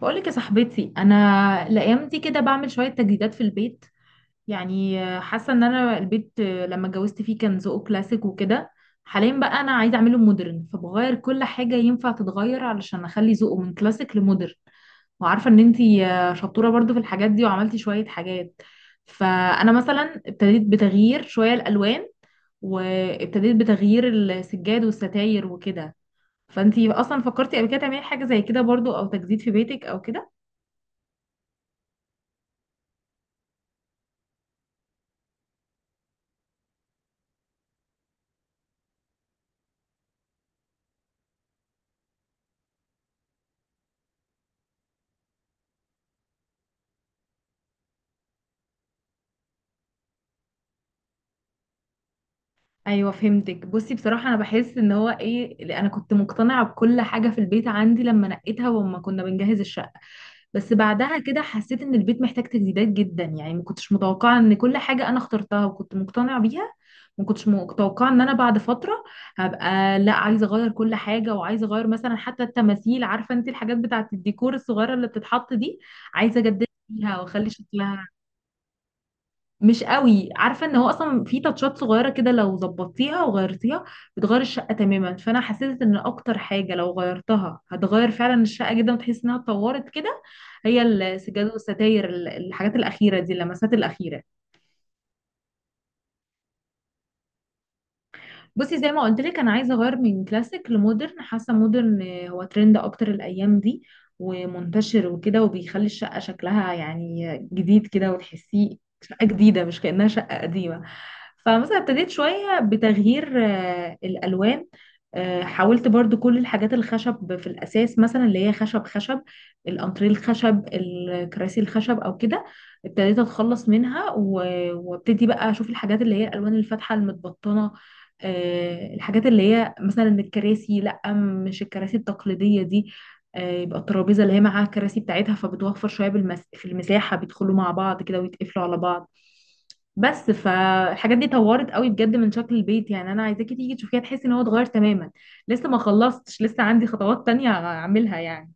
بقولك يا صاحبتي، انا الايام دي كده بعمل شويه تجديدات في البيت. يعني حاسه ان انا البيت لما اتجوزت فيه كان ذوقه كلاسيك وكده. حاليا بقى انا عايزه اعمله مودرن، فبغير كل حاجه ينفع تتغير علشان اخلي ذوقه من كلاسيك لمودرن. وعارفه ان انتي شطوره برضو في الحاجات دي وعملتي شويه حاجات. فانا مثلا ابتديت بتغيير شويه الالوان، وابتديت بتغيير السجاد والستاير وكده. فانتي اصلا فكرتي قبل كده تعملي حاجه زي كده برضو، او تجديد في بيتك او كده؟ ايوه، فهمتك. بصي بصراحه انا بحس ان هو ايه اللي انا كنت مقتنعه بكل حاجه في البيت عندي لما نقيتها وما كنا بنجهز الشقه. بس بعدها كده حسيت ان البيت محتاج تجديدات جدا، يعني ما كنتش متوقعه ان كل حاجه انا اخترتها وكنت مقتنعه بيها. ما كنتش متوقعه ان انا بعد فتره هبقى لا، عايزه اغير كل حاجه وعايزه اغير مثلا حتى التماثيل. عارفه انت الحاجات بتاعه الديكور الصغيره اللي بتتحط دي، عايزه اجدد فيها واخلي شكلها. مش قوي، عارفه ان هو اصلا في تاتشات صغيره كده لو ظبطتيها وغيرتيها بتغير الشقه تماما. فانا حسيت ان اكتر حاجه لو غيرتها هتغير فعلا الشقه جدا وتحس انها اتطورت كده. هي السجاد والستاير الحاجات الاخيره دي اللمسات الاخيره. بصي، زي ما قلت لك انا عايزه اغير من كلاسيك لمودرن. حاسه مودرن هو ترند اكتر الايام دي، ومنتشر وكده، وبيخلي الشقه شكلها يعني جديد كده وتحسيه شقه جديده مش كانها شقه قديمه. فمثلا ابتديت شوية بتغيير الألوان. حاولت برضو كل الحاجات الخشب في الأساس، مثلا اللي هي خشب خشب، الأنتريه الخشب، الكراسي الخشب أو كده. ابتديت أتخلص منها وابتدي بقى أشوف الحاجات اللي هي الألوان الفاتحة المتبطنة. الحاجات اللي هي مثلا الكراسي، لأ، مش الكراسي التقليدية دي. يبقى الترابيزة اللي هي معاها الكراسي بتاعتها فبتوفر شوية في المساحة، بيدخلوا مع بعض كده ويتقفلوا على بعض. بس فالحاجات دي طورت قوي بجد من شكل البيت، يعني انا عايزاكي تيجي تشوفيها تحسي ان هو اتغير تماما. لسه ما خلصتش، لسه عندي خطوات تانية اعملها يعني.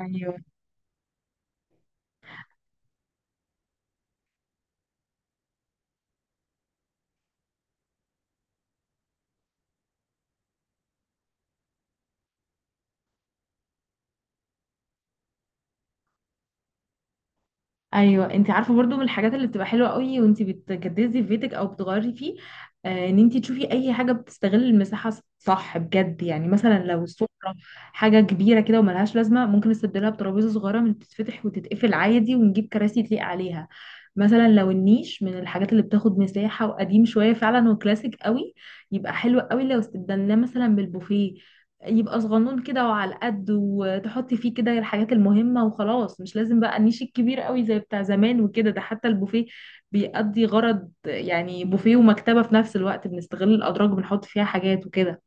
ايوه، ايوه، انت عارفه برضو من الحاجات اللي بتبقى حلوه قوي وانت بتجددي في بيتك او بتغيري فيه، ان انت تشوفي اي حاجه بتستغل المساحه صح بجد، يعني مثلا لو السفره حاجه كبيره كده وملهاش لازمه، ممكن نستبدلها بترابيزه صغيره من بتتفتح وتتقفل عادي ونجيب كراسي تليق عليها. مثلا لو النيش من الحاجات اللي بتاخد مساحه وقديم شويه فعلا وكلاسيك قوي، يبقى حلو قوي لو استبدلناه مثلا بالبوفيه. يبقى صغنون كده وعلى قد، وتحطي فيه كده الحاجات المهمة وخلاص، مش لازم بقى النيش الكبير قوي زي بتاع زمان وكده. ده حتى البوفيه بيأدي غرض يعني بوفيه ومكتبة في نفس الوقت، بنستغل الأدراج بنحط فيها حاجات وكده.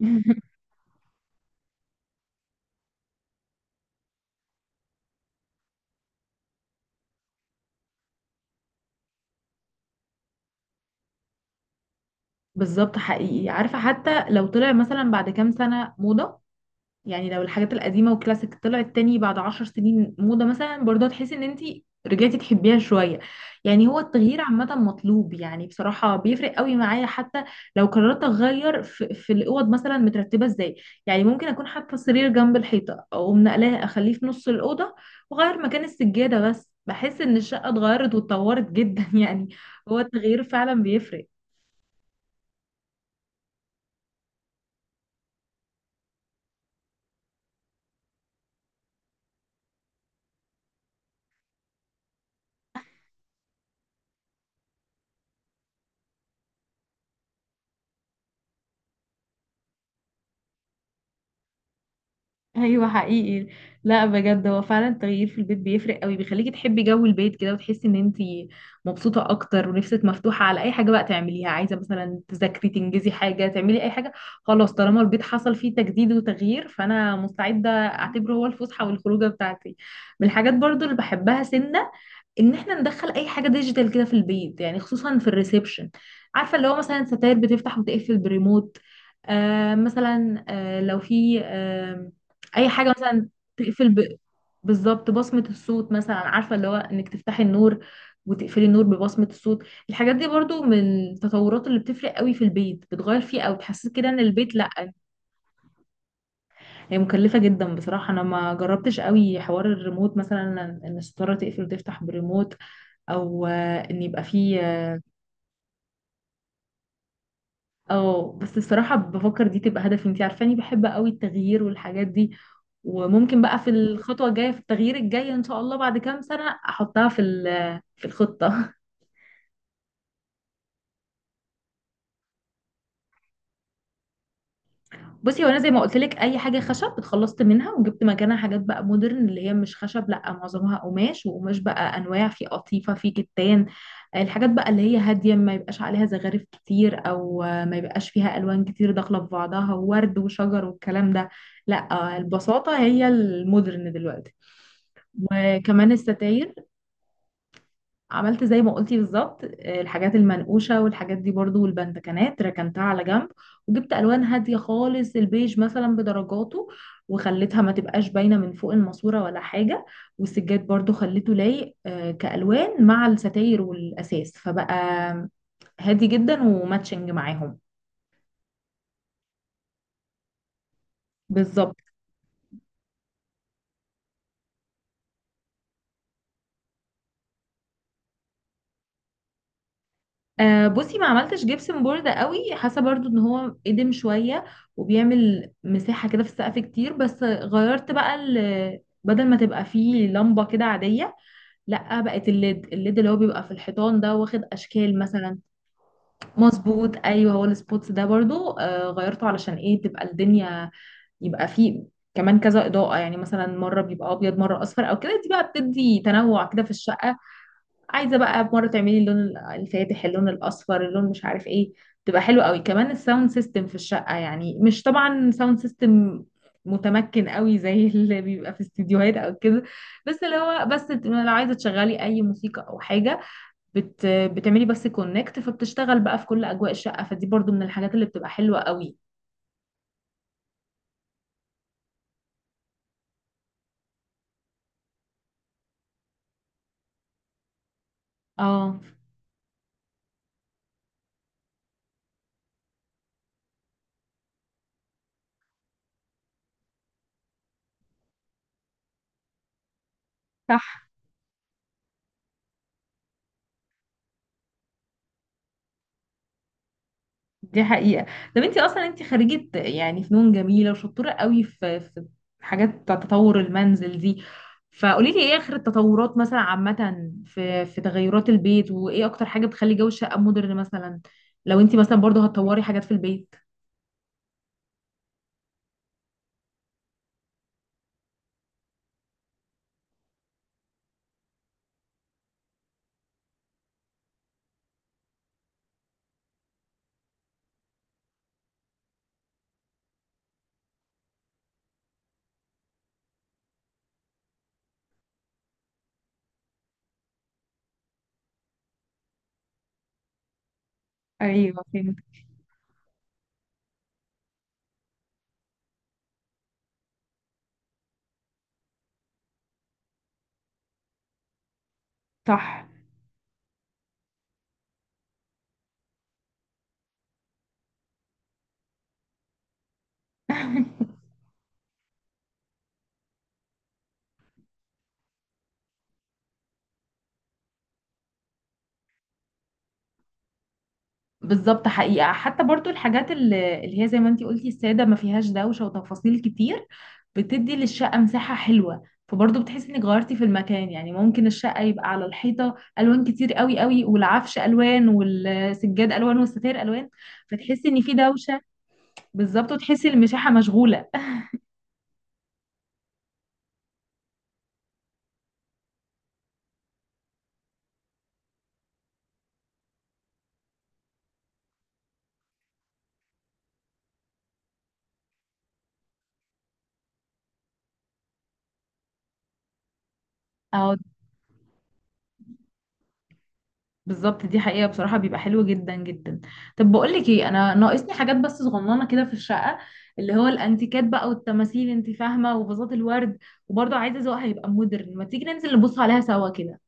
بالظبط، حقيقي. عارفة حتى لو طلع مثلا بعد كام سنة موضة، يعني لو الحاجات القديمة والكلاسيك طلعت تاني بعد 10 سنين موضة مثلا، برضه هتحسي ان انتي رجعتي تحبيها شوية. يعني هو التغيير عامة مطلوب، يعني بصراحة بيفرق قوي معايا حتى لو قررت اغير في الاوض مثلا مترتبة ازاي. يعني ممكن اكون حاطة السرير جنب الحيطة، او منقلاه اخليه في نص الأوضة واغير مكان السجادة، بس بحس ان الشقة اتغيرت واتطورت جدا يعني. هو التغيير فعلا بيفرق. ايوه، حقيقي. لا بجد، هو فعلا التغيير في البيت بيفرق قوي، بيخليكي تحبي جو البيت كده وتحسي ان انتي مبسوطه اكتر ونفسك مفتوحه على اي حاجه بقى تعمليها، عايزه مثلا تذاكري تنجزي حاجه تعملي اي حاجه. خلاص، طالما البيت حصل فيه تجديد وتغيير، فانا مستعده اعتبره هو الفسحه والخروجه بتاعتي. من الحاجات برضو اللي بحبها سنه، ان احنا ندخل اي حاجه ديجيتال كده في البيت يعني، خصوصا في الريسبشن. عارفه اللي هو مثلا ستاير بتفتح وتقفل بريموت. مثلا لو في اي حاجه مثلا تقفل بالظبط بصمه الصوت مثلا. عارفه اللي هو انك تفتحي النور وتقفلي النور ببصمه الصوت. الحاجات دي برضو من التطورات اللي بتفرق قوي في البيت، بتغير فيه او بتحسسك كده ان البيت لا. هي مكلفه جدا بصراحه، انا ما جربتش قوي حوار الريموت مثلا، ان الستاره تقفل وتفتح بريموت، او ان يبقى فيه. اه، بس الصراحة بفكر دي تبقى هدفي. انتي عارفاني بحب قوي التغيير والحاجات دي، وممكن بقى في الخطوة الجاية في التغيير الجاي ان شاء الله بعد كام سنة احطها في الخطة. بصي، هو انا زي ما قلت لك، اي حاجه خشب اتخلصت منها وجبت مكانها حاجات بقى مودرن اللي هي مش خشب، لا، معظمها قماش، وقماش بقى انواع، في قطيفه في كتان. الحاجات بقى اللي هي هاديه ما يبقاش عليها زخارف كتير، او ما يبقاش فيها الوان كتير داخله في بعضها وورد وشجر والكلام ده. لا، البساطه هي المودرن دلوقتي. وكمان الستاير عملت زي ما قلتي بالظبط، الحاجات المنقوشة والحاجات دي برضو والبندكنات ركنتها على جنب. وجبت ألوان هادية خالص، البيج مثلا بدرجاته، وخليتها ما تبقاش باينة من فوق الماسورة ولا حاجة. والسجاد برضو خليته لايق كألوان مع الستاير والأساس، فبقى هادي جدا وماتشنج معاهم. بالظبط. بصي ما عملتش جبسن بورد قوي، حاسه برضو ان هو قدم شويه وبيعمل مساحه كده في السقف كتير. بس غيرت بقى بدل ما تبقى فيه لمبه كده عاديه، لا، بقت الليد اللي هو بيبقى في الحيطان ده واخد اشكال مثلا. مظبوط، ايوه. هو السبوتس ده برضو غيرته علشان ايه تبقى الدنيا، يبقى فيه كمان كذا اضاءه، يعني مثلا مره بيبقى ابيض مره اصفر او كده، دي بقى بتدي تنوع كده في الشقه. عايزه بقى مره تعملي اللون الفاتح، اللون الاصفر، اللون مش عارف ايه، تبقى حلوه قوي. كمان الساوند سيستم في الشقه، يعني مش طبعا ساوند سيستم متمكن قوي زي اللي بيبقى في استديوهات او كده. بس اللي هو، بس لو عايزه تشغلي اي موسيقى او حاجه، بتعملي بس كونكت، فبتشتغل بقى في كل اجواء الشقه، فدي برضو من الحاجات اللي بتبقى حلوه قوي. اه، صح، دي حقيقة. طب انت اصلا، انت خريجة يعني فنون جميلة وشطورة قوي في حاجات بتاع تطور المنزل دي. فقولي لي ايه اخر التطورات مثلا عامة في تغيرات البيت، وايه اكتر حاجة بتخلي جو الشقة مودرن مثلا، لو انت مثلا برضو هتطوري حاجات في البيت. ايوه، فهمت، صح. بالظبط، حقيقة، حتى برضو الحاجات اللي هي زي ما انتي قلتي السادة ما فيهاش دوشة وتفاصيل كتير، بتدي للشقة مساحة حلوة، فبرضو بتحسي انك غيرتي في المكان. يعني ممكن الشقة يبقى على الحيطة ألوان كتير قوي قوي والعفش ألوان والسجاد ألوان والستاير ألوان، فتحسي ان في دوشة. بالظبط، وتحسي المساحة مشغولة. أو، بالظبط. دي حقيقة بصراحة، بيبقى حلو جدا جدا. طب بقولك ايه، انا ناقصني حاجات بس صغننة كده في الشقة، اللي هو الانتيكات بقى والتماثيل انت فاهمة، وفازات الورد، وبرضه عايزة ذوقها يبقى مودرن، ما تيجي ننزل نبص عليها سوا كده.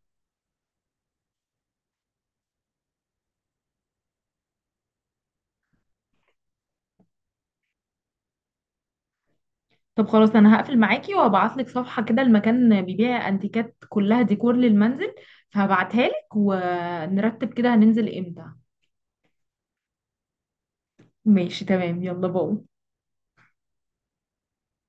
طب خلاص، انا هقفل معاكي وهبعتلك صفحة كده المكان بيبيع انتيكات كلها ديكور للمنزل، فهبعتها لك ونرتب كده هننزل امتى. ماشي، تمام، يلا باي.